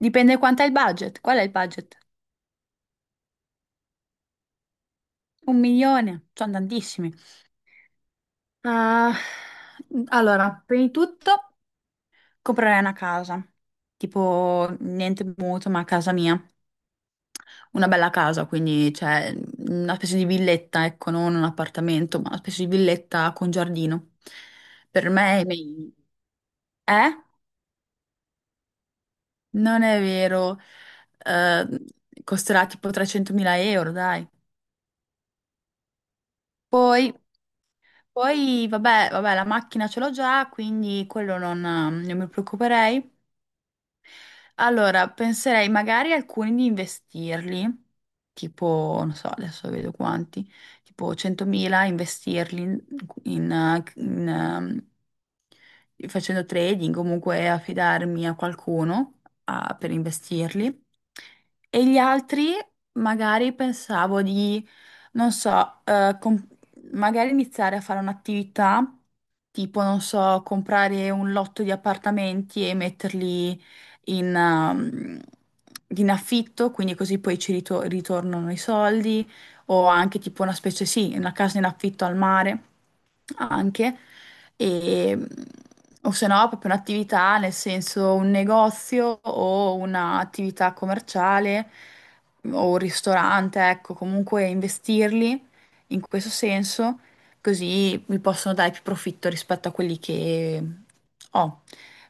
Dipende quanto è il budget. Qual è il budget? Un milione, sono tantissimi. Ah, allora, prima di tutto comprerei una casa, tipo niente mutuo, ma casa mia. Una bella casa, quindi cioè, una specie di villetta, ecco, non un appartamento, ma una specie di villetta con giardino. Per me è meglio. Eh? Non è vero. Eh, costerà tipo 300.000 euro, dai. Poi Poi, vabbè, vabbè, la macchina ce l'ho già, quindi quello non mi preoccuperei. Allora, penserei magari alcuni di investirli, tipo, non so, adesso vedo quanti, tipo 100.000 investirli in facendo trading, comunque affidarmi a qualcuno ah, per investirli. E gli altri magari pensavo di, non so, magari iniziare a fare un'attività tipo, non so, comprare un lotto di appartamenti e metterli in, ehm, in affitto, quindi così poi ritornano i soldi, o anche tipo una specie, sì, una casa in affitto al mare, anche, e, o se no proprio un'attività, nel senso un negozio o un'attività commerciale o un ristorante, ecco, comunque investirli in questo senso, così mi possono dare più profitto rispetto a quelli che ho.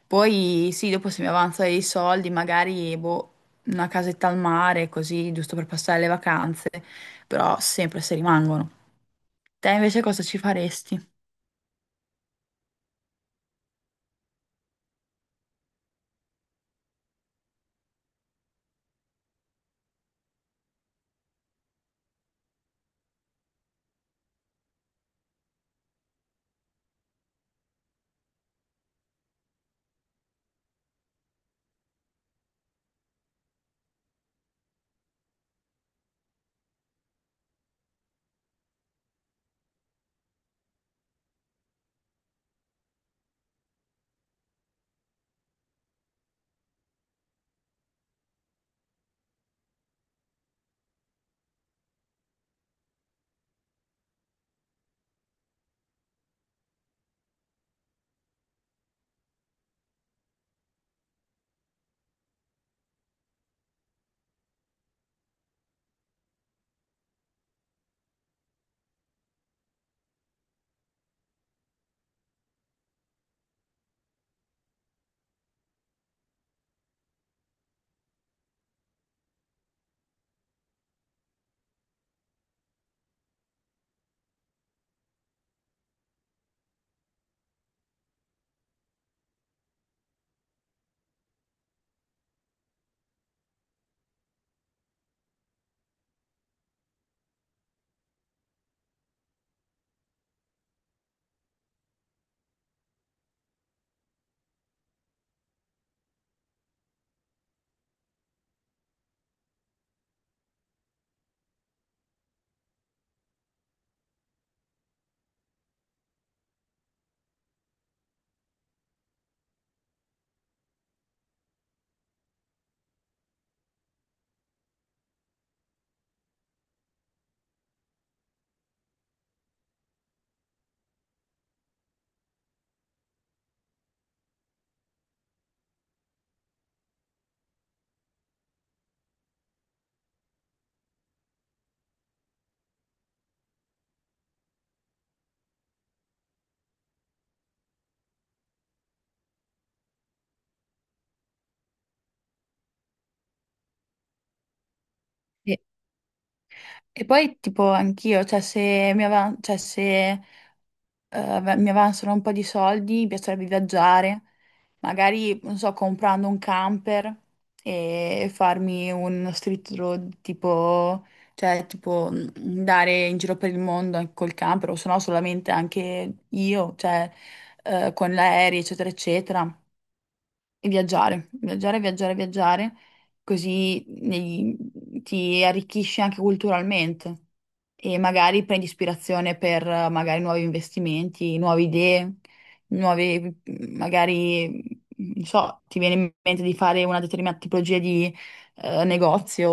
Poi sì, dopo se mi avanza dei soldi, magari boh, una casetta al mare, così, giusto per passare le vacanze, però sempre se rimangono. Te invece cosa ci faresti? E poi tipo anch'io, cioè se mi ava- cioè, se, ave- mi avanzano un po' di soldi, mi piacerebbe viaggiare, magari, non so, comprando un camper e farmi uno street road tipo, cioè tipo andare in giro per il mondo anche col camper, o se no solamente anche io, cioè con l'aereo, eccetera, eccetera. E viaggiare, viaggiare, viaggiare, viaggiare, così ti arricchisci anche culturalmente e magari prendi ispirazione per magari nuovi investimenti, nuove idee, nuovi, magari, non so, ti viene in mente di fare una determinata tipologia di negozio,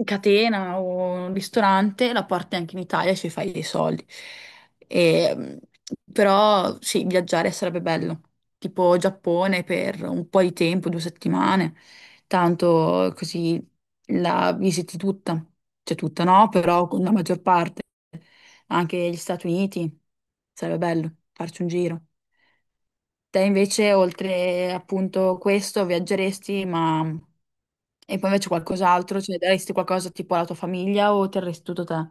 o catena o un ristorante, la porti anche in Italia e ci fai dei soldi. E, però sì, viaggiare sarebbe bello tipo Giappone per un po' di tempo, due settimane, tanto così la visiti tutta, cioè tutta no, però con la maggior parte, anche gli Stati Uniti, sarebbe bello farci un giro. Te invece, oltre appunto questo, viaggeresti, ma... E poi invece qualcos'altro, cioè daresti qualcosa tipo alla tua famiglia o terresti tutto te?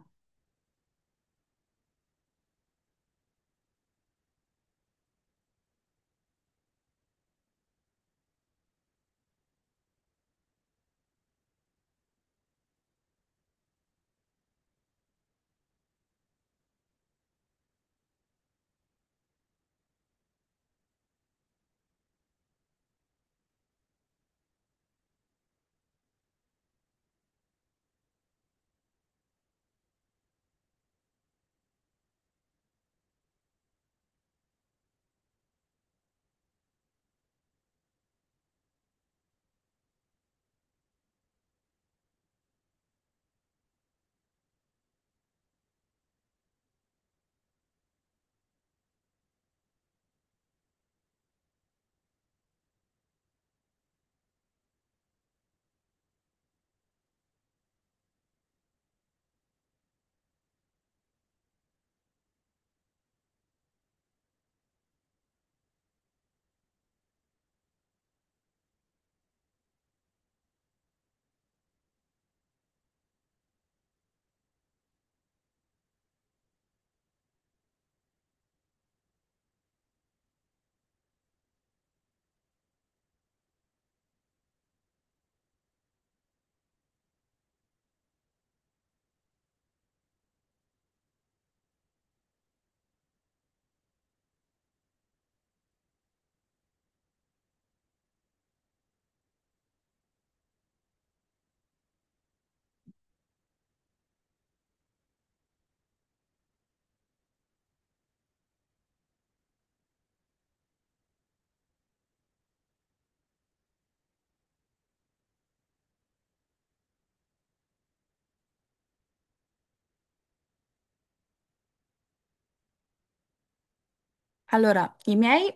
Allora, i miei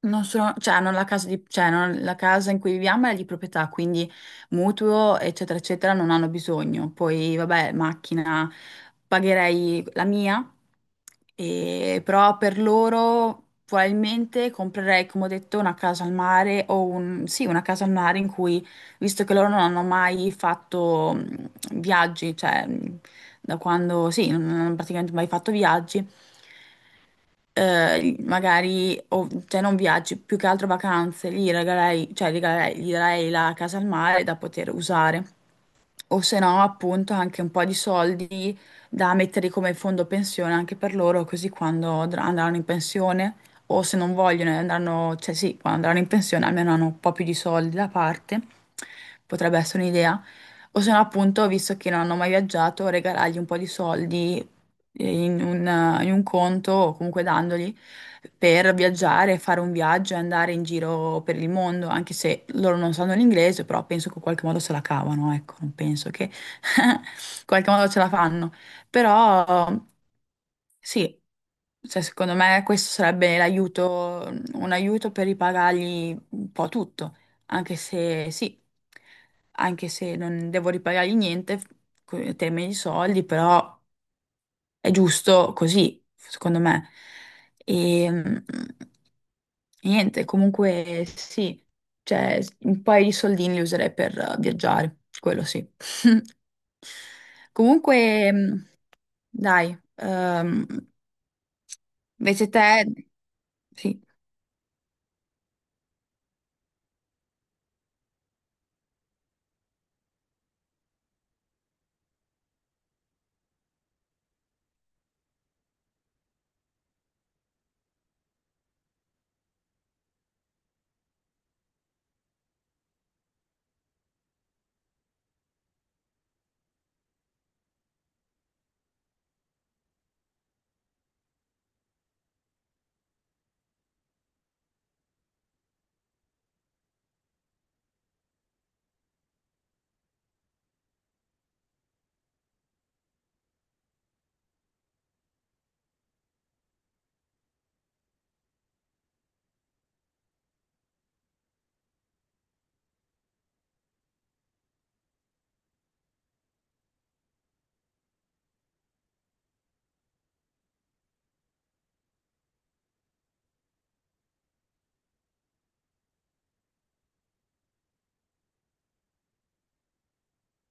non sono, cioè, non la casa di- cioè, non- la casa in cui viviamo è di proprietà, quindi mutuo, eccetera, eccetera, non hanno bisogno. Poi, vabbè, macchina, pagherei la mia, però per loro probabilmente comprerei, come ho detto, una casa al mare o un, sì, una casa al mare in cui, visto che loro non hanno mai fatto viaggi, cioè, da quando, sì, non hanno praticamente mai fatto viaggi magari, cioè non viaggi, più che altro vacanze, cioè regalerei, gli darei la casa al mare da poter usare. O se no, appunto, anche un po' di soldi da mettere come fondo pensione anche per loro, così quando andranno in pensione, o se non vogliono, e andranno, cioè sì, quando andranno in pensione almeno hanno un po' più di soldi da parte, potrebbe essere un'idea. O se no, appunto, visto che non hanno mai viaggiato, regalargli un po' di soldi in un, in un conto o comunque dandoli per viaggiare, fare un viaggio e andare in giro per il mondo, anche se loro non sanno l'inglese, però penso che in qualche modo se la cavano, ecco, non penso che in qualche modo ce la fanno. Però sì, cioè, secondo me questo sarebbe l'aiuto, un aiuto per ripagargli un po' tutto, anche se sì, anche se non devo ripagargli niente, in termini di soldi, però... È giusto così, secondo me. E mm, niente, comunque sì, cioè un paio di soldini li userei per viaggiare, quello sì. Comunque, mm, dai, invece te, sì,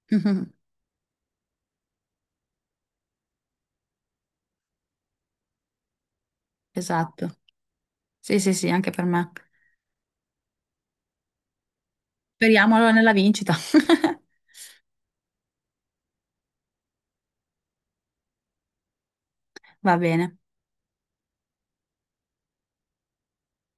esatto. Sì, sì, sì, anche per me. Speriamo allora nella vincita. Va bene.